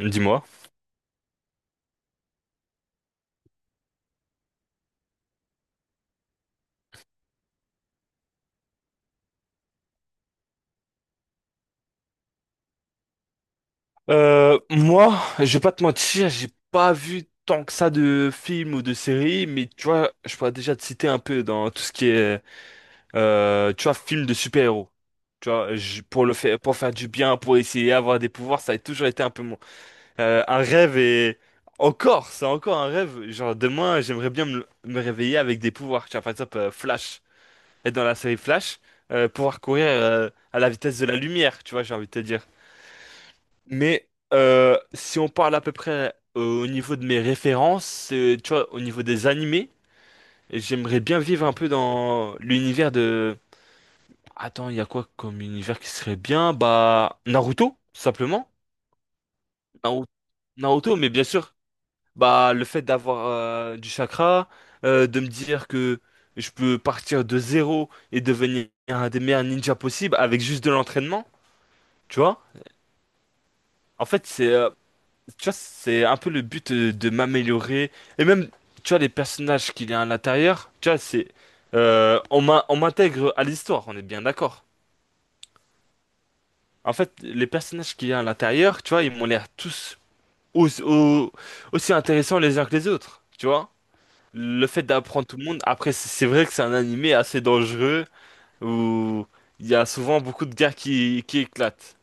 Dis-moi. Moi, je vais pas te mentir, j'ai pas vu tant que ça de films ou de séries, mais tu vois, je pourrais déjà te citer un peu dans tout ce qui est, tu vois, film de super-héros. Tu vois, pour le faire, pour faire du bien, pour essayer d'avoir des pouvoirs, ça a toujours été un peu mon, un rêve et encore, c'est encore un rêve. Genre demain, j'aimerais bien me réveiller avec des pouvoirs. Tu vois, par exemple, Flash, être dans la série Flash, pouvoir courir, à la vitesse de la lumière. Tu vois, j'ai envie de te dire. Mais si on parle à peu près au niveau de mes références, tu vois, au niveau des animés, j'aimerais bien vivre un peu dans l'univers de... Attends, il y a quoi comme univers qui serait bien? Bah, Naruto, tout simplement. Naru- Naruto, mais bien sûr, bah, le fait d'avoir du chakra, de me dire que je peux partir de zéro et devenir un des meilleurs ninjas possibles avec juste de l'entraînement, tu vois? En fait, tu vois, c'est un peu le but de, m'améliorer. Et même, tu vois, les personnages qu'il y a à l'intérieur, tu vois, on on m'intègre à l'histoire, on est bien d'accord. En fait, les personnages qu'il y a à l'intérieur, tu vois, ils m'ont l'air tous aussi, aussi intéressants les uns que les autres, tu vois. Le fait d'apprendre tout le monde, après, c'est vrai que c'est un animé assez dangereux, où il y a souvent beaucoup de guerres qui éclatent.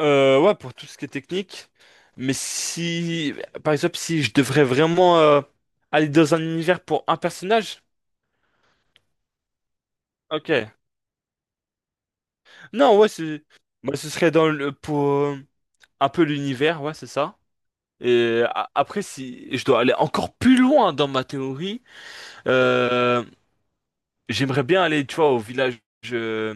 Ouais, pour tout ce qui est technique. Mais si, par exemple, si je devrais vraiment aller dans un univers pour un personnage, ok. Non, ouais, c'est, moi, ce serait dans le pour un peu l'univers, ouais, c'est ça. Et après, si je dois aller encore plus loin dans ma théorie, euh, j'aimerais bien aller, tu vois, au village, euh,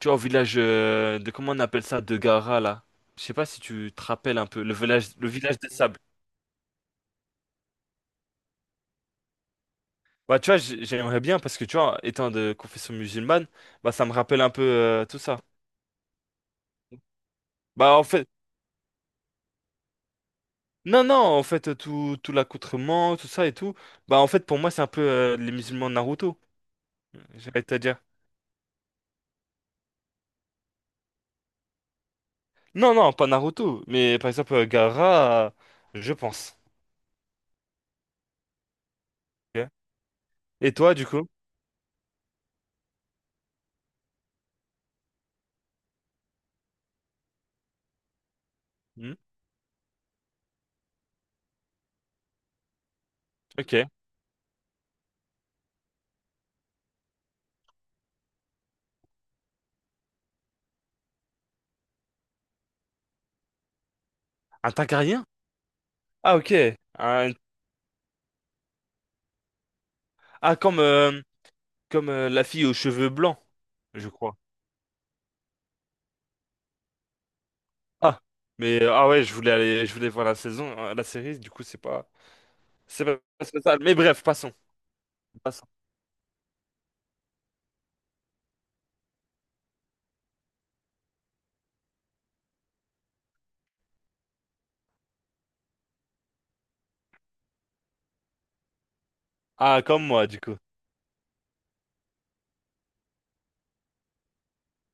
tu vois, au village de comment on appelle ça, de Gara là. Je sais pas si tu te rappelles un peu le village des sables. Bah, tu vois, j'aimerais bien parce que, tu vois, étant de confession musulmane, bah, ça me rappelle un peu tout ça. Bah, en fait, non, non, en fait, tout l'accoutrement, tout ça et tout, bah, en fait, pour moi, c'est un peu les musulmans de Naruto, j'allais te dire. Non, pas Naruto, mais par exemple, Gaara, je pense. Ok. Et toi, du coup? Hmm. Ok. Un Targaryen? Ah, ok. Un- Ah, comme la fille aux cheveux blancs, je crois. Ah, mais, ah ouais, je voulais aller, je voulais voir la saison, la série, du coup, c'est pas. C'est pas ça. Mais bref, passons. Passons. Ah, comme moi, du coup.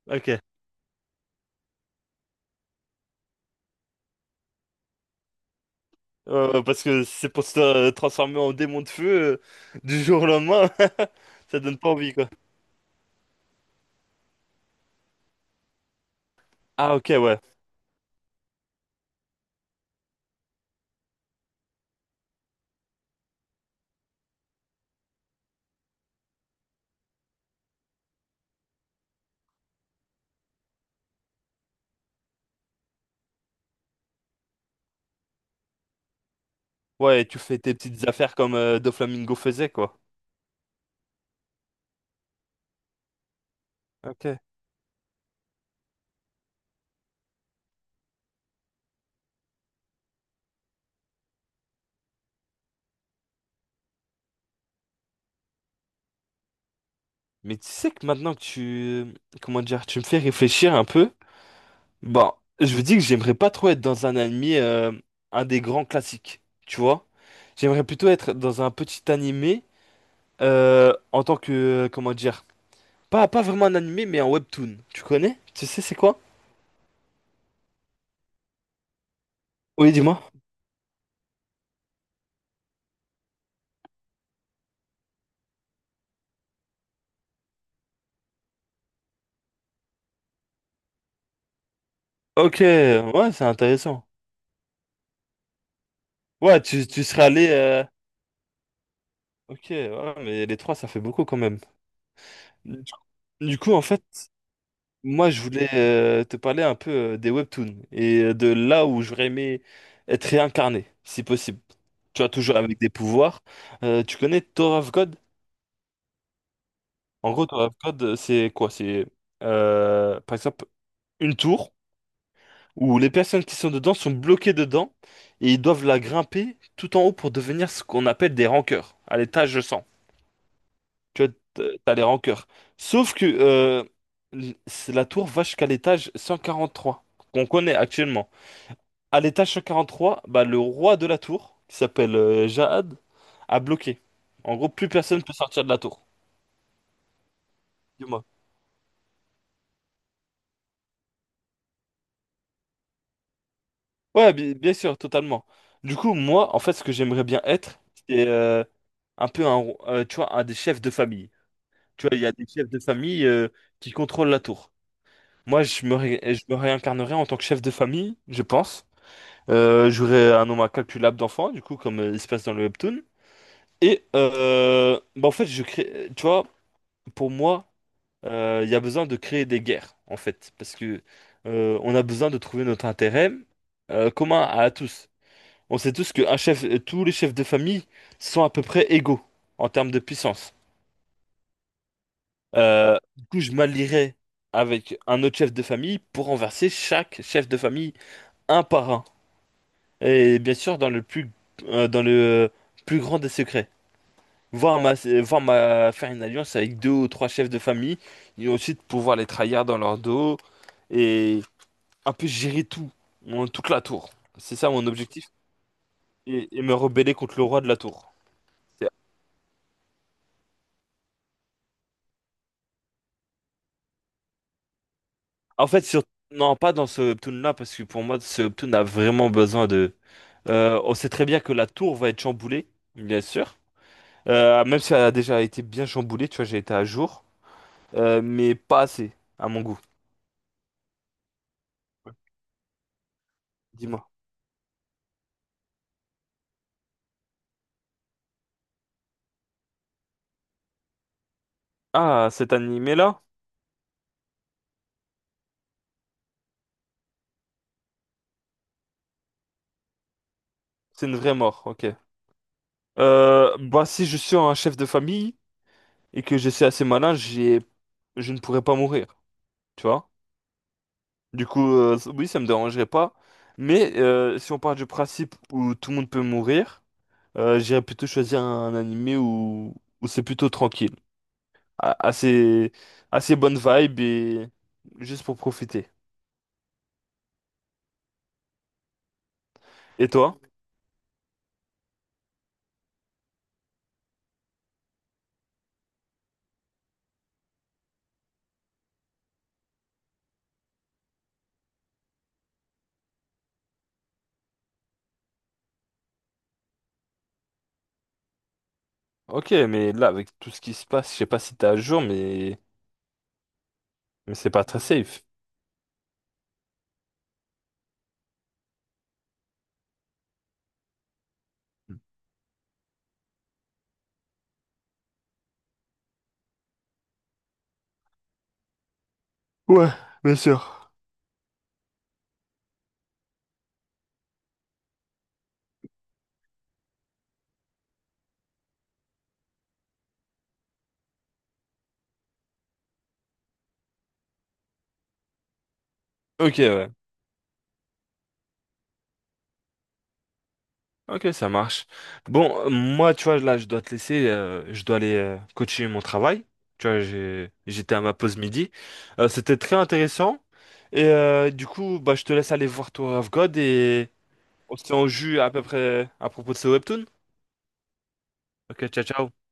Ok. Parce que c'est pour se transformer en démon de feu du jour au lendemain. Ça donne pas envie, quoi. Ah, ok, ouais. Ouais, tu fais tes petites affaires comme Doflamingo faisait, quoi. Ok. Mais tu sais que maintenant que tu... Comment dire? Tu me fais réfléchir un peu. Bon, je me dis que j'aimerais pas trop être dans un anime, un des grands classiques, tu vois? J'aimerais plutôt être dans un petit animé en tant que... Comment dire? Pas vraiment un animé, mais un webtoon. Tu connais? Tu sais c'est quoi? Oui, dis-moi. Ok, ouais, c'est intéressant. Ouais, tu serais allé... Ok, ouais, mais les trois, ça fait beaucoup quand même. Du du coup, en fait, moi, je voulais te parler un peu des webtoons et de là où j'aurais aimé être réincarné, si possible. Tu vois, toujours avec des pouvoirs. Tu connais Tower of God? En gros, Tower of God, c'est quoi? C'est, par exemple, une tour, où les personnes qui sont dedans sont bloquées dedans et ils doivent la grimper tout en haut pour devenir ce qu'on appelle des rankeurs, à l'étage 100. Tu vois, t'as les rankeurs. Sauf que la tour va jusqu'à l'étage 143, qu'on connaît actuellement. À l'étage 143, bah, le roi de la tour, qui s'appelle Jahad, a bloqué. En gros, plus personne peut sortir de la tour. Dis-moi. Ouais, bien sûr, totalement. Du coup, moi, en fait, ce que j'aimerais bien être, c'est un peu tu vois, un des chefs de famille. Tu vois, il y a des chefs de famille qui contrôlent la tour. Moi, je me réincarnerais en tant que chef de famille, je pense. J'aurais un nombre incalculable d'enfants, du coup, comme il se passe dans le webtoon. Et bah, en fait, je crée, tu vois, pour moi, il y a besoin de créer des guerres, en fait, parce que on a besoin de trouver notre intérêt commun à tous. On sait tous que un chef, tous les chefs de famille sont à peu près égaux en termes de puissance. Du coup, je m'allierai avec un autre chef de famille pour renverser chaque chef de famille un par un. Et bien sûr, dans le plus grand des secrets. Voir ma, voir ma, faire une alliance avec deux ou trois chefs de famille et ensuite pouvoir les trahir dans leur dos et un peu gérer tout, toute la tour. C'est ça mon objectif. Et me rebeller contre le roi de la tour. C'est- En fait, sur... non, pas dans ce Hoptoon là, parce que pour moi, ce Hoptoon a vraiment besoin de. On sait très bien que la tour va être chamboulée, bien sûr. Même si elle a déjà été bien chamboulée, tu vois, j'ai été à jour. Mais pas assez, à mon goût. Dis-moi. Ah, cet animé-là, c'est une vraie mort, ok. Bah, si je suis un chef de famille et que je suis assez malin, je ne pourrais pas mourir, tu vois. Du coup, oui, ça me dérangerait pas. Mais si on part du principe où tout le monde peut mourir, j'irais plutôt choisir un animé où, où c'est plutôt tranquille. a- assez, assez bonne vibe et juste pour profiter. Et toi? Ok, mais là, avec tout ce qui se passe, je sais pas si t'es à jour, mais c'est pas très safe. Ouais, bien sûr. Ok, ouais. Ok, ça marche. Bon, moi, tu vois, là, je dois te laisser. Je dois aller coacher mon travail. Tu vois, j'étais à ma pause midi. C'était très intéressant. Et du coup, bah, je te laisse aller voir Tower of God et on se tient au jus à peu près à propos de ce webtoon. Ok, ciao, ciao.